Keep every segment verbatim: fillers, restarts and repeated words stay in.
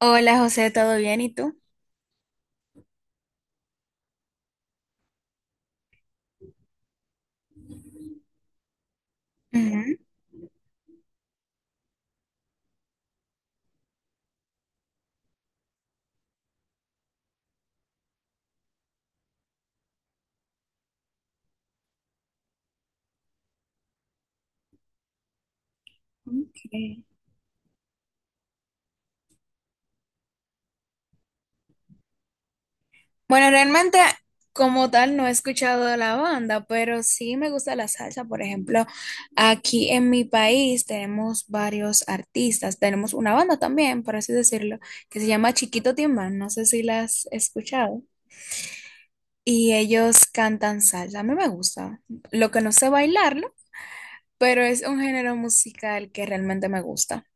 Hola José, ¿todo bien? ¿Y tú? Ujú. Ok. Bueno, realmente como tal no he escuchado de la banda, pero sí me gusta la salsa. Por ejemplo, aquí en mi país tenemos varios artistas. Tenemos una banda también, por así decirlo, que se llama Chiquito Timbán. No sé si la has escuchado. Y ellos cantan salsa. A mí me gusta. Lo que no sé bailarlo, pero es un género musical que realmente me gusta.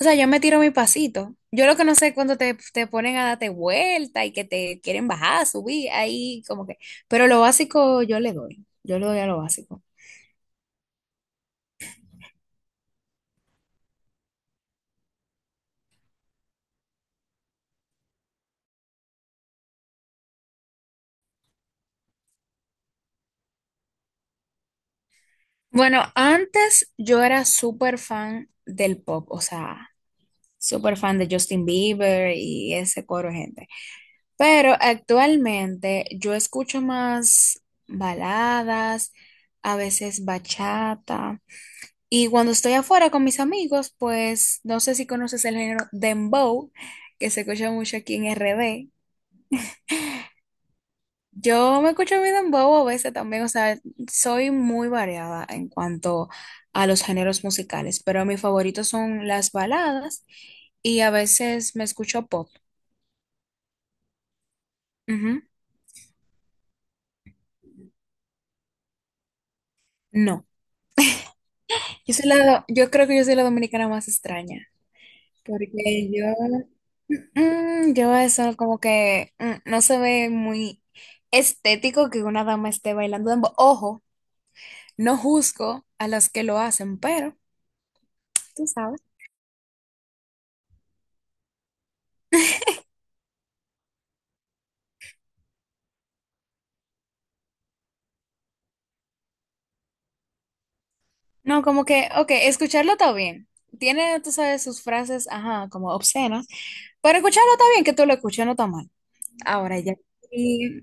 O sea, yo me tiro mi pasito. Yo lo que no sé es cuando te, te ponen a darte vuelta y que te quieren bajar, subir, ahí como que. Pero lo básico yo le doy. Yo le doy a lo básico. Bueno, antes yo era súper fan del pop, o sea, súper fan de Justin Bieber y ese coro de gente. Pero actualmente yo escucho más baladas, a veces bachata. Y cuando estoy afuera con mis amigos, pues no sé si conoces el género dembow, que se escucha mucho aquí en R D. Yo me escucho mi dembow a veces también, o sea, soy muy variada en cuanto a los géneros musicales, pero mis favoritos son las baladas y a veces me escucho pop. Ujú. No, yo soy la, yo creo que yo soy la dominicana más extraña, porque yo Mm, yo eso como que mm, no se ve muy estético que una dama esté bailando dembow. Ojo, no juzgo a las que lo hacen, pero tú sabes. No, como que, ok, escucharlo está bien. Tiene, tú sabes, sus frases, ajá, como obscenas, pero escucharlo está bien, que tú lo escuches, no está mal. Ahora ya. Y-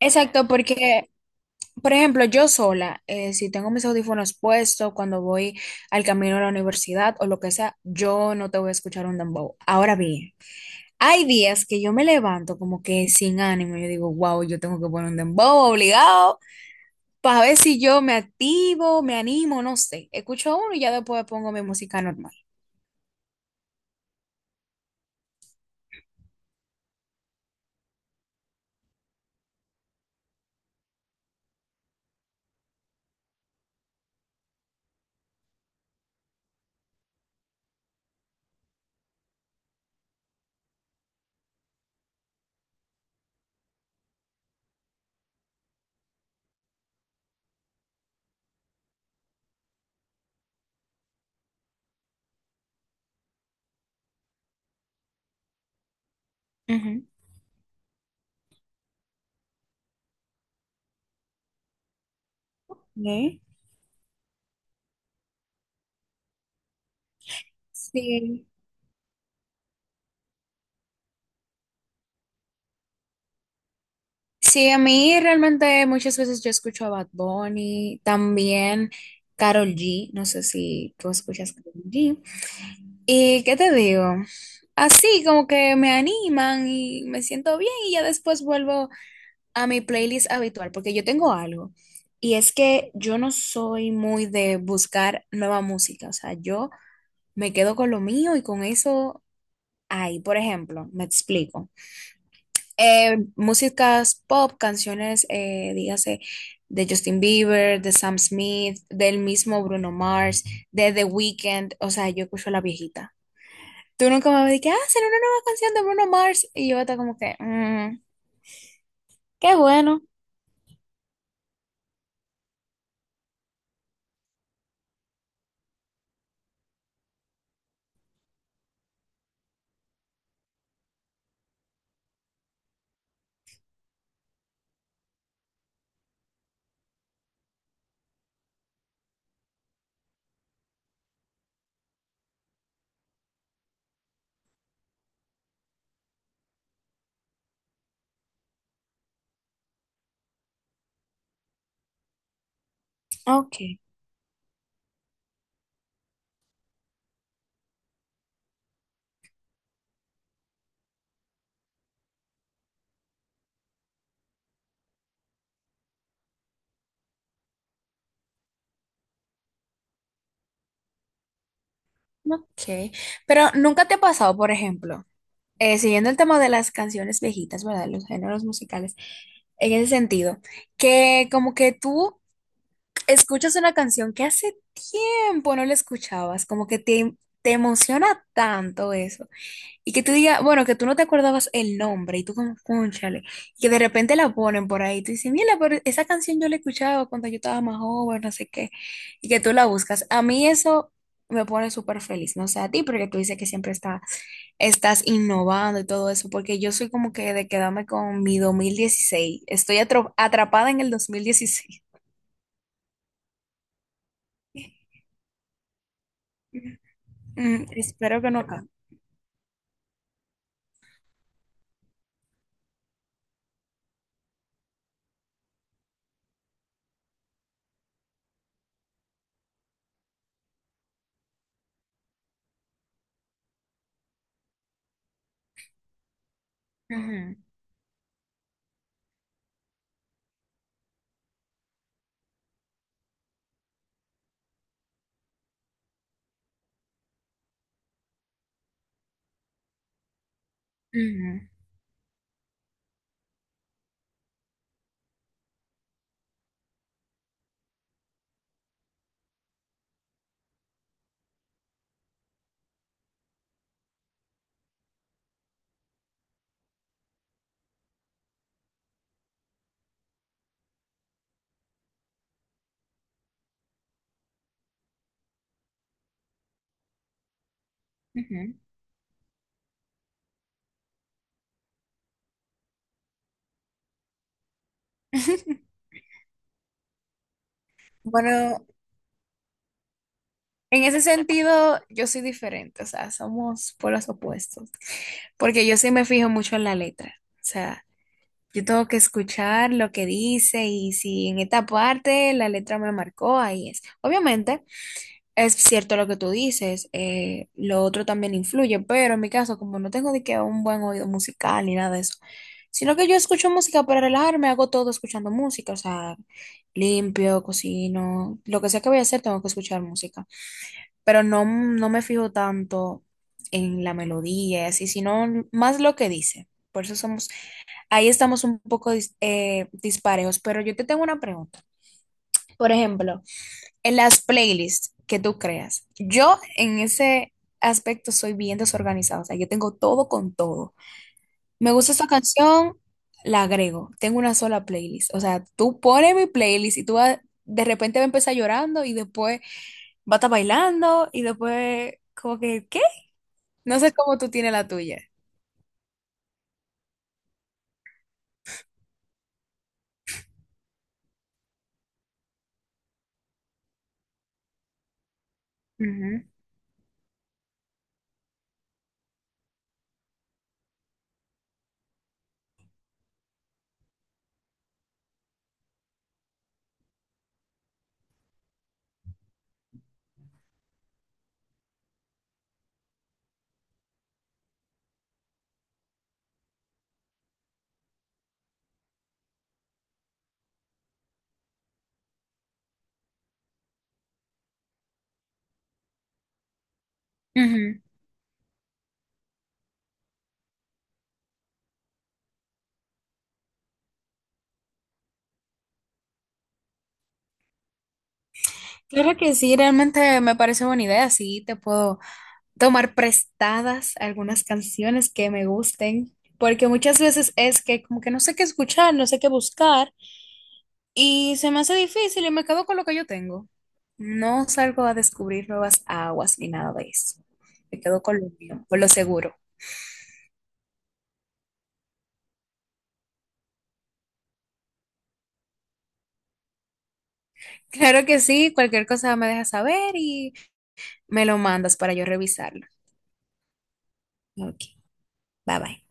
exacto, porque, por ejemplo, yo sola, eh, si tengo mis audífonos puestos cuando voy al camino a la universidad o lo que sea, yo no te voy a escuchar un dembow. Ahora bien. Hay días que yo me levanto como que sin ánimo. Yo digo, wow, yo tengo que poner un dembow obligado para ver si yo me activo, me animo, no sé. Escucho uno y ya después pongo mi música normal. Ujú. ¿Eh? Sí. Sí, a mí realmente muchas veces yo escucho a Bad Bunny, también Karol G. No sé si tú escuchas Karol G. ¿Y qué te digo? Así como que me animan y me siento bien y ya después vuelvo a mi playlist habitual, porque yo tengo algo. Y es que yo no soy muy de buscar nueva música, o sea, yo me quedo con lo mío y con eso ahí, por ejemplo, me explico. Eh, músicas pop, canciones, eh, dígase, de Justin Bieber, de Sam Smith, del mismo Bruno Mars, de The Weeknd, o sea, yo escucho la viejita. Tú nunca me dijiste, ah, será una nueva canción de Bruno Mars. Y yo estaba como que, "Mm, qué bueno." Ok, ok. Pero nunca te ha pasado, por ejemplo, eh, siguiendo el tema de las canciones viejitas, ¿verdad? Los géneros musicales, en ese sentido, que como que tú escuchas una canción que hace tiempo no la escuchabas, como que te, te emociona tanto eso, y que tú digas, bueno, que tú no te acordabas el nombre y tú como, cónchale, y que de repente la ponen por ahí, tú dices, mira, pero esa canción yo la escuchaba cuando yo estaba más joven, no sé qué, y que tú la buscas. A mí eso me pone súper feliz, no sé a ti, porque tú dices que siempre está, estás innovando y todo eso, porque yo soy como que de quedarme con mi dos mil dieciséis, estoy atro- atrapada en el dos mil dieciséis. Mm, espero que no acabe. Ujú, ujú, ujú. Bueno, en ese sentido, yo soy diferente, o sea, somos polos opuestos, porque yo sí me fijo mucho en la letra, o sea, yo tengo que escuchar lo que dice y si en esta parte la letra me marcó, ahí es. Obviamente, es cierto lo que tú dices, eh, lo otro también influye, pero en mi caso, como no tengo de que un buen oído musical ni nada de eso, sino que yo escucho música para relajarme, hago todo escuchando música, o sea, limpio, cocino, lo que sea que voy a hacer, tengo que escuchar música, pero no, no me fijo tanto en la melodía y así, sino más lo que dice. Por eso somos, ahí estamos un poco dis- eh, disparejos, pero yo te tengo una pregunta. Por ejemplo, en las playlists que tú creas, yo en ese aspecto soy bien desorganizada, o sea, yo tengo todo con todo. Me gusta esta canción, la agrego, tengo una sola playlist. O sea, tú pones mi playlist y tú vas- de repente va a empezar llorando y después va a estar bailando y después como que, ¿qué? No sé cómo tú tienes la tuya. Ujú, ujú. Claro que sí, realmente me parece buena idea. Sí, te puedo tomar prestadas algunas canciones que me gusten, porque muchas veces es que como que no sé qué escuchar, no sé qué buscar, y se me hace difícil y me quedo con lo que yo tengo. No salgo a descubrir nuevas aguas ni nada de eso. Me quedo con lo mío, con lo seguro. Claro que sí, cualquier cosa me dejas saber y me lo mandas para yo revisarlo. Ok, bye bye.